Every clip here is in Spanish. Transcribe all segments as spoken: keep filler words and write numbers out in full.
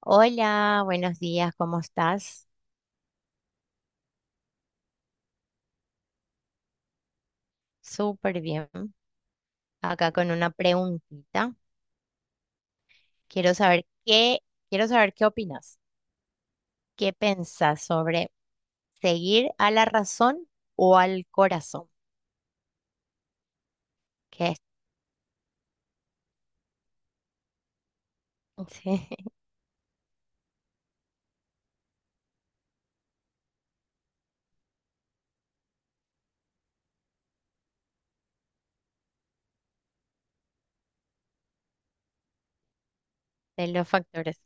Hola, buenos días, ¿cómo estás? Súper bien. Acá con una preguntita. Quiero saber qué, quiero saber qué opinas. ¿Qué pensás sobre seguir a la razón o al corazón? ¿Qué es? Sí, de los factores.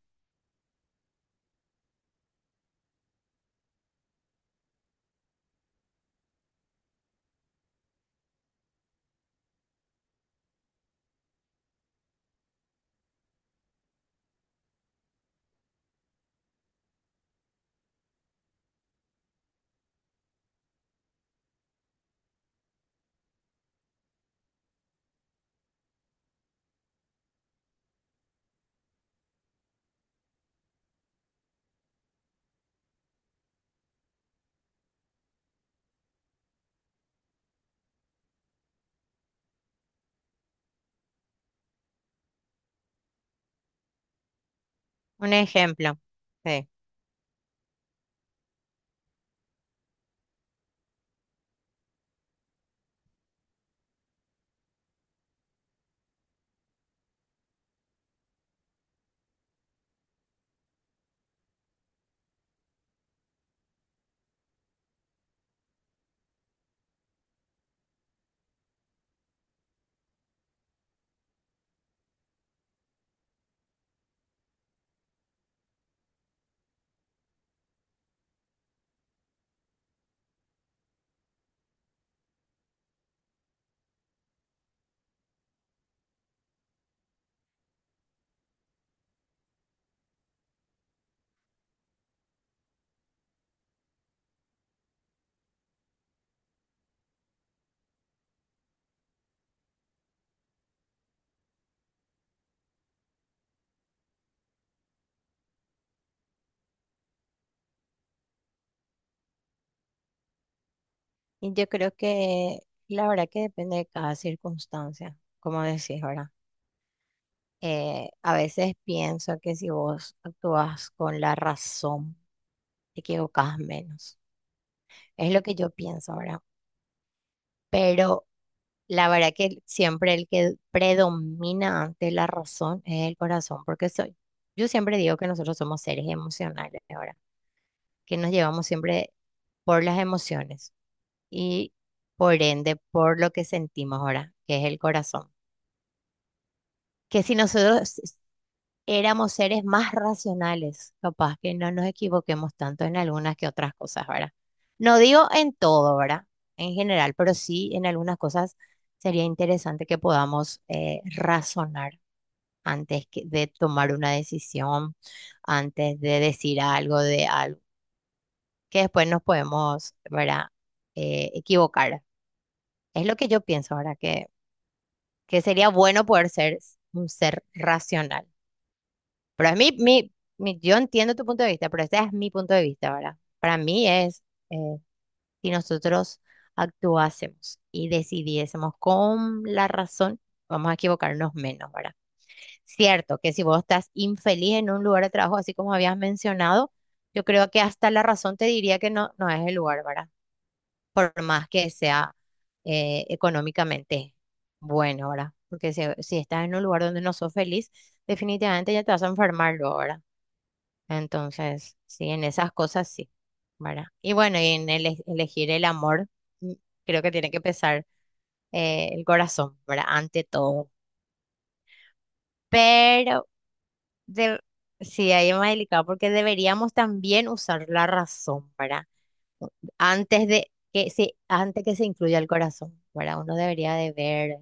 Un ejemplo. Sí. Y yo creo que la verdad que depende de cada circunstancia, como decís ahora. Eh, a veces pienso que si vos actúas con la razón, te equivocás menos. Es lo que yo pienso ahora. Pero la verdad que siempre el que predomina ante la razón es el corazón, porque soy. Yo siempre digo que nosotros somos seres emocionales ahora, que nos llevamos siempre por las emociones y por ende por lo que sentimos ahora, que es el corazón. Que si nosotros éramos seres más racionales, capaz que no nos equivoquemos tanto en algunas que otras cosas, ¿verdad? No digo en todo, ¿verdad? En general, pero sí en algunas cosas sería interesante que podamos eh, razonar antes que- de tomar una decisión, antes de decir algo de algo, que después nos podemos, ¿verdad? eh, equivocar. Es lo que yo pienso, ¿verdad? Que, que sería bueno poder ser un ser racional. Pero es, mi, mi, mi- yo entiendo tu punto de vista, pero ese es mi punto de vista, ¿verdad? Para mí es, eh, si nosotros actuásemos y decidiésemos con la razón, vamos a equivocarnos menos, ¿verdad? Cierto que si vos estás infeliz en un lugar de trabajo, así como habías mencionado, yo creo que hasta la razón te diría que no, no es el lugar, ¿verdad? Por más que sea eh, económicamente bueno, ¿verdad? Porque si, si estás en un lugar donde no sos feliz, definitivamente ya te vas a enfermar luego, ¿verdad? Entonces, sí, en esas cosas sí, ¿verdad? Y bueno, y en ele- elegir el amor, mm, creo que tiene que pesar eh, el corazón, ¿verdad? Ante todo. Pero de- sí, ahí es más delicado porque deberíamos también usar la razón, ¿verdad? Antes de que se, antes que se incluya el corazón, ¿verdad? Uno debería de ver.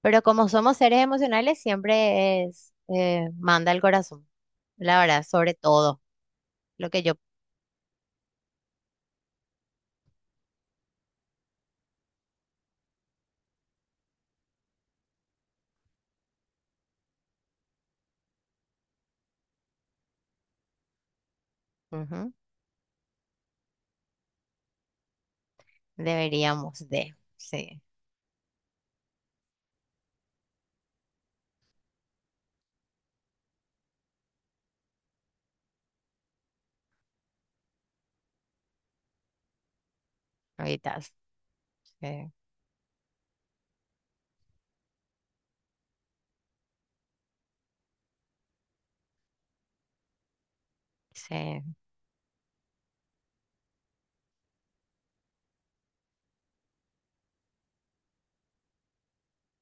Pero como somos seres emocionales, siempre es, eh, manda el corazón, la verdad, sobre todo, lo que yo. Ujú. Deberíamos de, sí. Ahorita sí. Sí,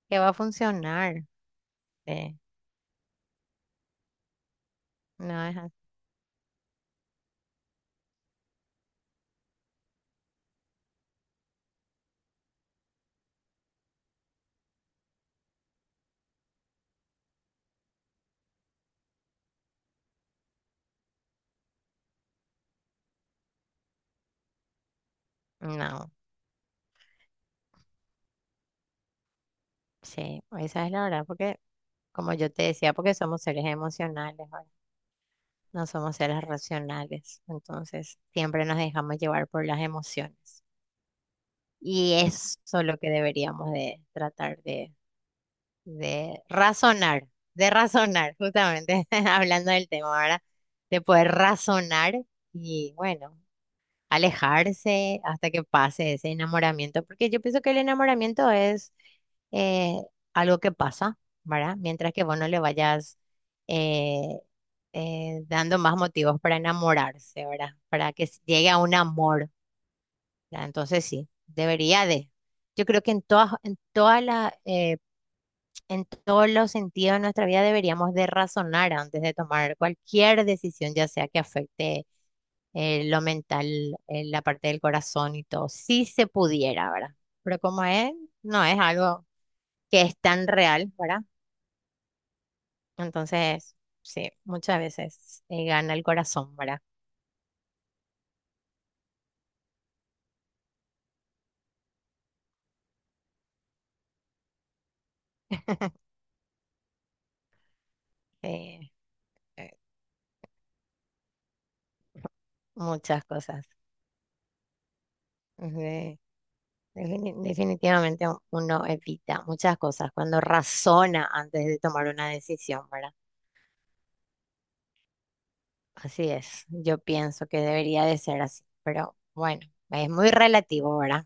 que va a funcionar. Sí, no es así. No. Sí, esa es la verdad, porque como yo te decía, porque somos seres emocionales, ¿verdad? No somos seres racionales, entonces siempre nos dejamos llevar por las emociones y eso es lo que deberíamos de tratar de, de razonar, de razonar, justamente hablando del tema ahora, de poder razonar y bueno. Alejarse hasta que pase ese enamoramiento, porque yo pienso que el enamoramiento es eh, algo que pasa, ¿verdad? Mientras que vos no le vayas eh, eh, dando más motivos para enamorarse, ¿verdad? Para que s- llegue a un amor, ¿verdad? Entonces sí, debería de. Yo creo que en todas, en toda la, eh, en todos los sentidos de nuestra vida deberíamos de razonar antes de tomar cualquier decisión, ya sea que afecte eh, lo mental, eh, la parte del corazón y todo, si se pudiera, ¿verdad? Pero como es, no es algo que es tan real, ¿verdad? Entonces, sí, muchas veces eh, gana el corazón, ¿verdad? Eh, eh, Muchas cosas. Eh, defini- Definitivamente uno evita muchas cosas cuando razona antes de tomar una decisión, ¿verdad? Así es, yo pienso que debería de ser así, pero bueno, es muy relativo, ¿verdad?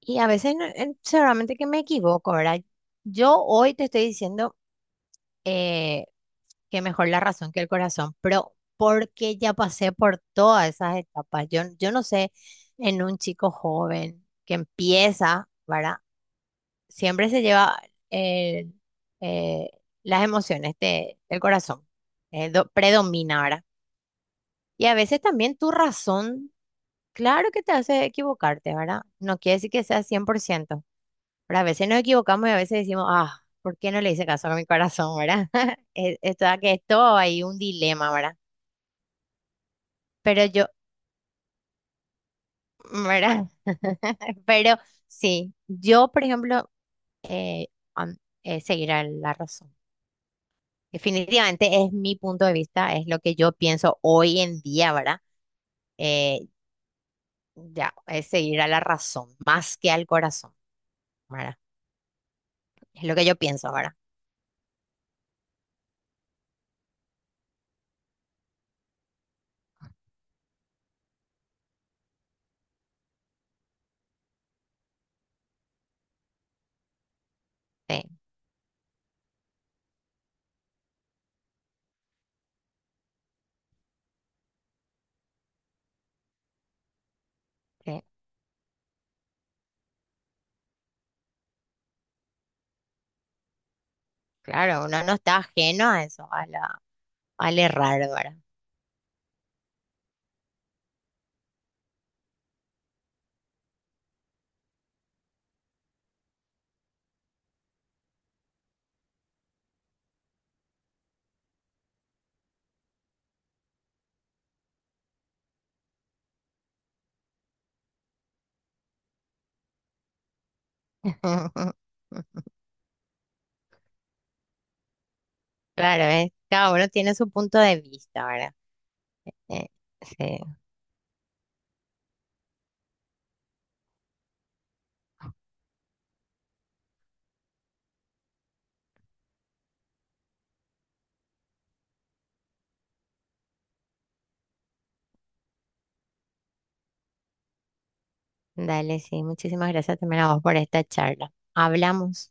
Y a veces no- en- seguramente que me equivoco, ¿verdad? Yo hoy te estoy diciendo eh, que mejor la razón que el corazón, pero porque ya pasé por todas esas etapas. Yo, yo no sé, en un chico joven que empieza, ¿verdad? Siempre se lleva el, eh, las emociones de- del corazón, eh, do- predomina, ¿verdad? Y a veces también tu razón, claro que te hace equivocarte, ¿verdad? No quiere decir que sea cien por ciento. Pero a veces nos equivocamos y a veces decimos, ah, ¿por qué no le hice caso a mi corazón, verdad? Es, es toda que es todo ahí un dilema, ¿verdad? Pero yo, ¿verdad? Pero sí, yo, por ejemplo, eh, am- eh, seguirá la razón. Definitivamente es mi punto de vista, es lo que yo pienso hoy en día, ¿verdad? Eh, ya, es seguir a la razón, más que al corazón, ¿verdad? Es lo que yo pienso, ¿verdad? Sí, sí, claro, uno no está ajeno a eso, a la, al errar, ¿verdad? Claro, ¿ves? Cada uno tiene su punto de vista, ¿verdad? Eh, sí, dale, sí. Muchísimas gracias también a vos por esta charla. Hablamos.